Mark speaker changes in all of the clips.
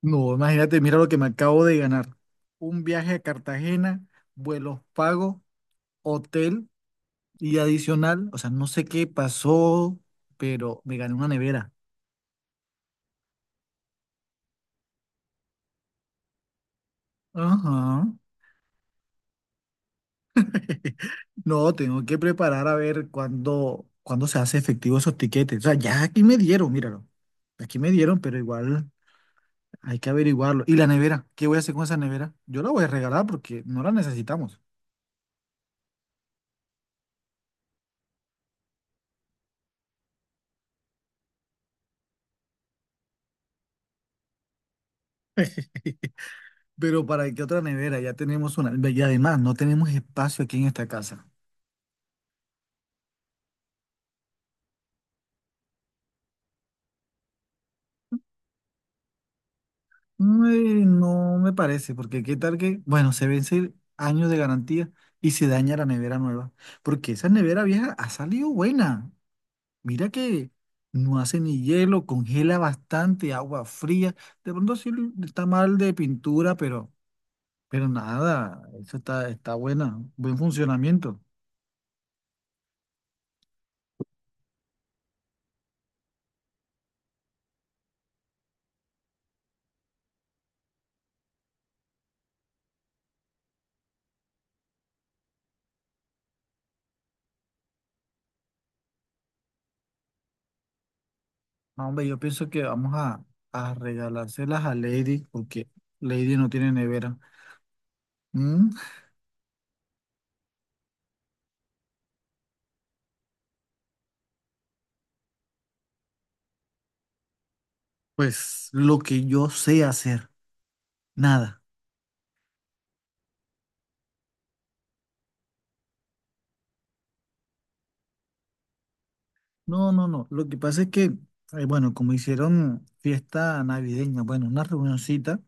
Speaker 1: No, imagínate, mira lo que me acabo de ganar. Un viaje a Cartagena, vuelos pagos, hotel y adicional, o sea, no sé qué pasó, pero me gané una nevera. Ajá. No, tengo que preparar a ver cuándo se hace efectivo esos tiquetes. O sea, ya aquí me dieron, míralo. Aquí me dieron, pero igual hay que averiguarlo. ¿Y la nevera? ¿Qué voy a hacer con esa nevera? Yo la voy a regalar porque no la necesitamos. Pero ¿para qué otra nevera? Ya tenemos una. Y además, no tenemos espacio aquí en esta casa. Mm, no me parece, porque qué tal que, bueno, se vence años de garantía y se daña la nevera nueva. Porque esa nevera vieja ha salido buena. Mira que no hace ni hielo, congela bastante, agua fría. De pronto sí está mal de pintura, pero, nada, eso está buena, buen funcionamiento. No, hombre, yo pienso que vamos a regalárselas a Lady, porque Lady no tiene nevera. Mm. Pues lo que yo sé hacer, nada. No, no, no. Lo que pasa es que, bueno, como hicieron fiesta navideña, bueno, una reunioncita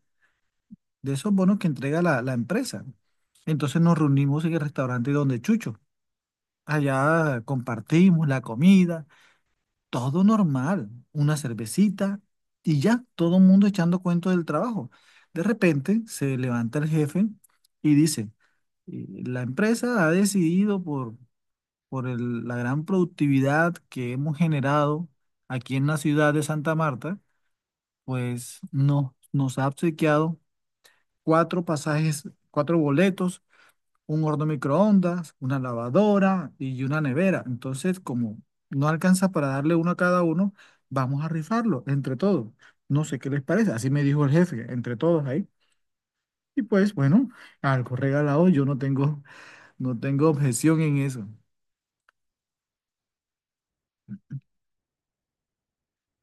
Speaker 1: de esos bonos que entrega la empresa. Entonces nos reunimos en el restaurante donde Chucho. Allá compartimos la comida. Todo normal, una cervecita y ya, todo el mundo echando cuento del trabajo. De repente se levanta el jefe y dice: La empresa ha decidido por la gran productividad que hemos generado aquí en la ciudad de Santa Marta, pues no, nos ha obsequiado cuatro pasajes, cuatro boletos, un horno microondas, una lavadora y una nevera. Entonces, como no alcanza para darle uno a cada uno, vamos a rifarlo entre todos. No sé qué les parece", así me dijo el jefe, entre todos ahí. Y pues bueno, algo regalado, yo no tengo, no tengo objeción en eso.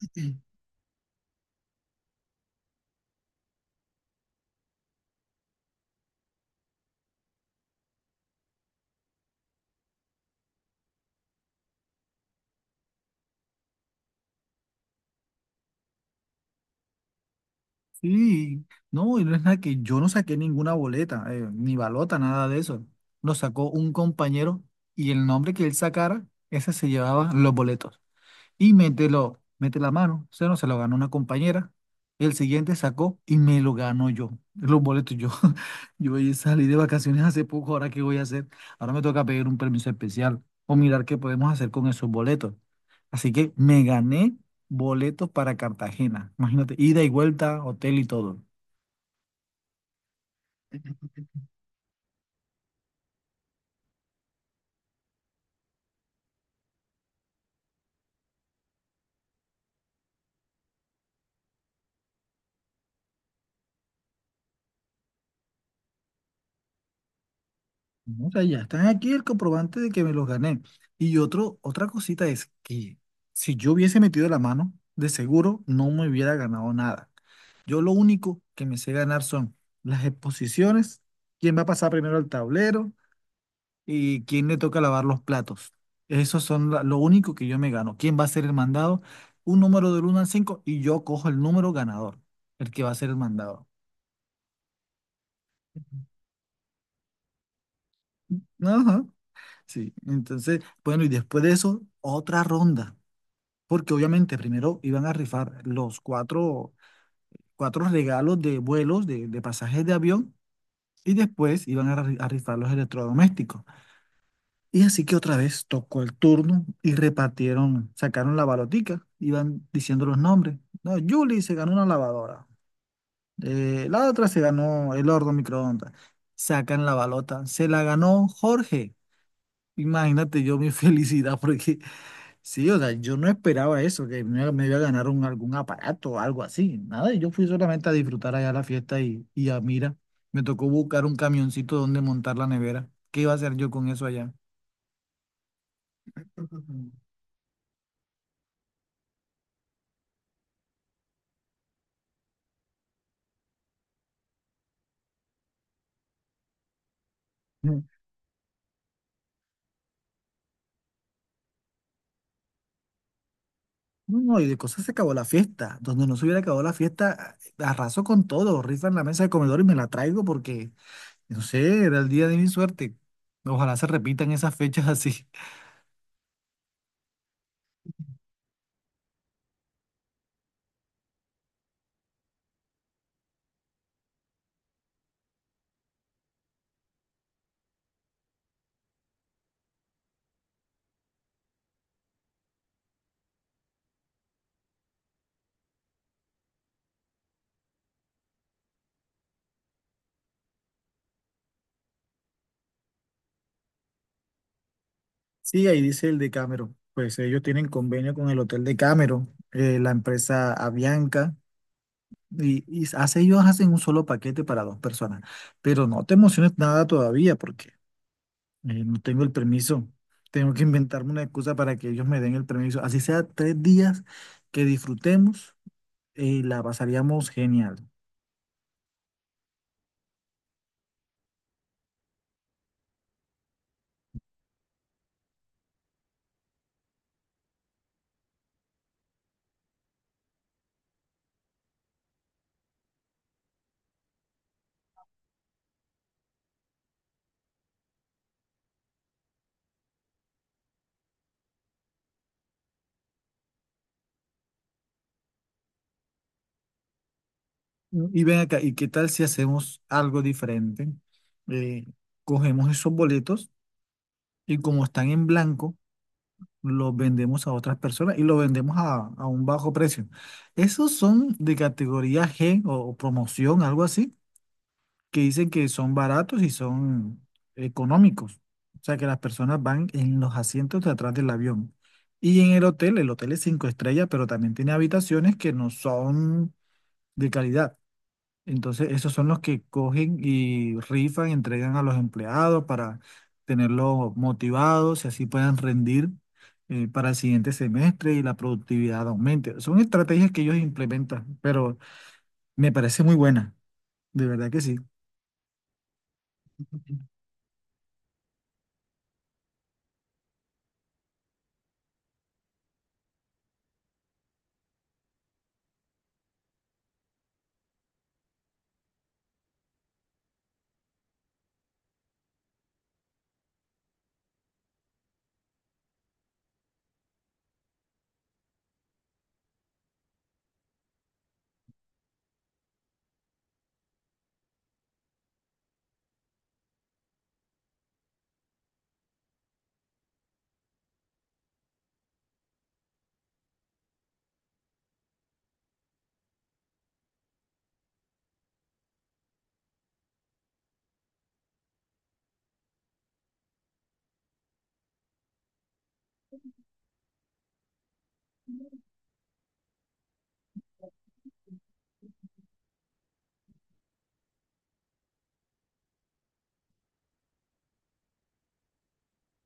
Speaker 1: Sí, no, y no es nada, que yo no saqué ninguna boleta, ni balota, nada de eso. Lo sacó un compañero y el nombre que él sacara, ese se llevaba los boletos. Y mételo mete la mano, se no se lo ganó una compañera, el siguiente sacó y me lo ganó yo, los boletos yo. Yo ya salí de vacaciones hace poco, ahora qué voy a hacer, ahora me toca pedir un permiso especial o mirar qué podemos hacer con esos boletos, así que me gané boletos para Cartagena, imagínate, ida y vuelta, hotel y todo. No, o sea, ya están aquí el comprobante de que me los gané. Y otra cosita es que si yo hubiese metido la mano, de seguro no me hubiera ganado nada. Yo lo único que me sé ganar son las exposiciones, quién va a pasar primero al tablero y quién le toca lavar los platos. Esos son lo único que yo me gano. ¿Quién va a ser el mandado? Un número del uno al 5 y yo cojo el número ganador, el que va a ser el mandado. Ajá. Sí, entonces, bueno, y después de eso, otra ronda, porque obviamente primero iban a rifar los cuatro, regalos de vuelos, de pasajes de avión, y después iban a rifar los electrodomésticos. Y así que otra vez tocó el turno y repartieron, sacaron la balotica, iban diciendo los nombres. No, Julie se ganó una lavadora, la otra se ganó el horno microondas. Sacan la balota, se la ganó Jorge. Imagínate yo mi felicidad, porque sí, o sea, yo no esperaba eso, que me iba a ganar algún aparato o algo así. Nada, yo fui solamente a disfrutar allá la fiesta y a mira, me tocó buscar un camioncito donde montar la nevera. ¿Qué iba a hacer yo con eso allá? No, no, y de cosas se acabó la fiesta. Donde no se hubiera acabado la fiesta, arraso con todo. Rifan la mesa de comedor y me la traigo porque, no sé, era el día de mi suerte. Ojalá se repitan esas fechas así. Sí, ahí dice el de Cameron. Pues ellos tienen convenio con el Hotel de Cameron, la empresa Avianca, y, y ellos hacen un solo paquete para dos personas. Pero no te emociones nada todavía. No tengo el permiso. Tengo que inventarme una excusa para que ellos me den el permiso. Así sea 3 días que disfrutemos y la pasaríamos genial. ¿No? Y ven acá, ¿y qué tal si hacemos algo diferente? Eh, Cogemos esos boletos y, como están en blanco, los vendemos a otras personas y los vendemos a un bajo precio. Esos son de categoría G o promoción, algo así, que dicen que son baratos y son económicos. O sea, que las personas van en los asientos de atrás del avión. Y en el hotel es 5 estrellas, pero también tiene habitaciones que no son de calidad. Entonces, esos son los que cogen y rifan, entregan a los empleados para tenerlos motivados y así puedan rendir para el siguiente semestre y la productividad aumente. Son estrategias que ellos implementan, pero me parece muy buena, de verdad que sí.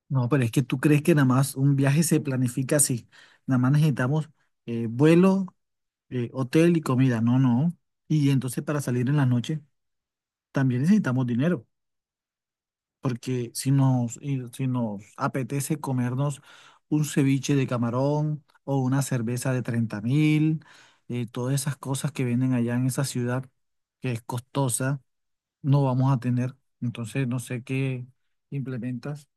Speaker 1: No, pero es que tú crees que nada más un viaje se planifica así. Nada más necesitamos vuelo, hotel y comida. No, no. Y entonces para salir en la noche también necesitamos dinero. Porque si nos apetece comernos un ceviche de camarón o una cerveza de 30.000, todas esas cosas que venden allá en esa ciudad, que es costosa, no vamos a tener. Entonces no sé qué implementas.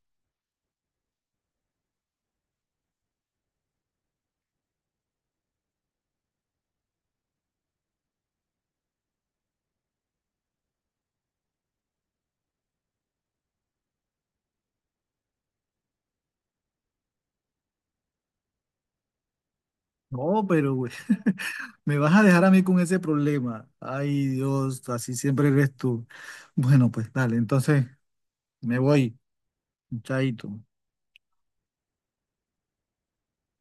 Speaker 1: No, pero güey, me vas a dejar a mí con ese problema. Ay, Dios, así siempre eres tú. Bueno, pues dale, entonces me voy, chaito.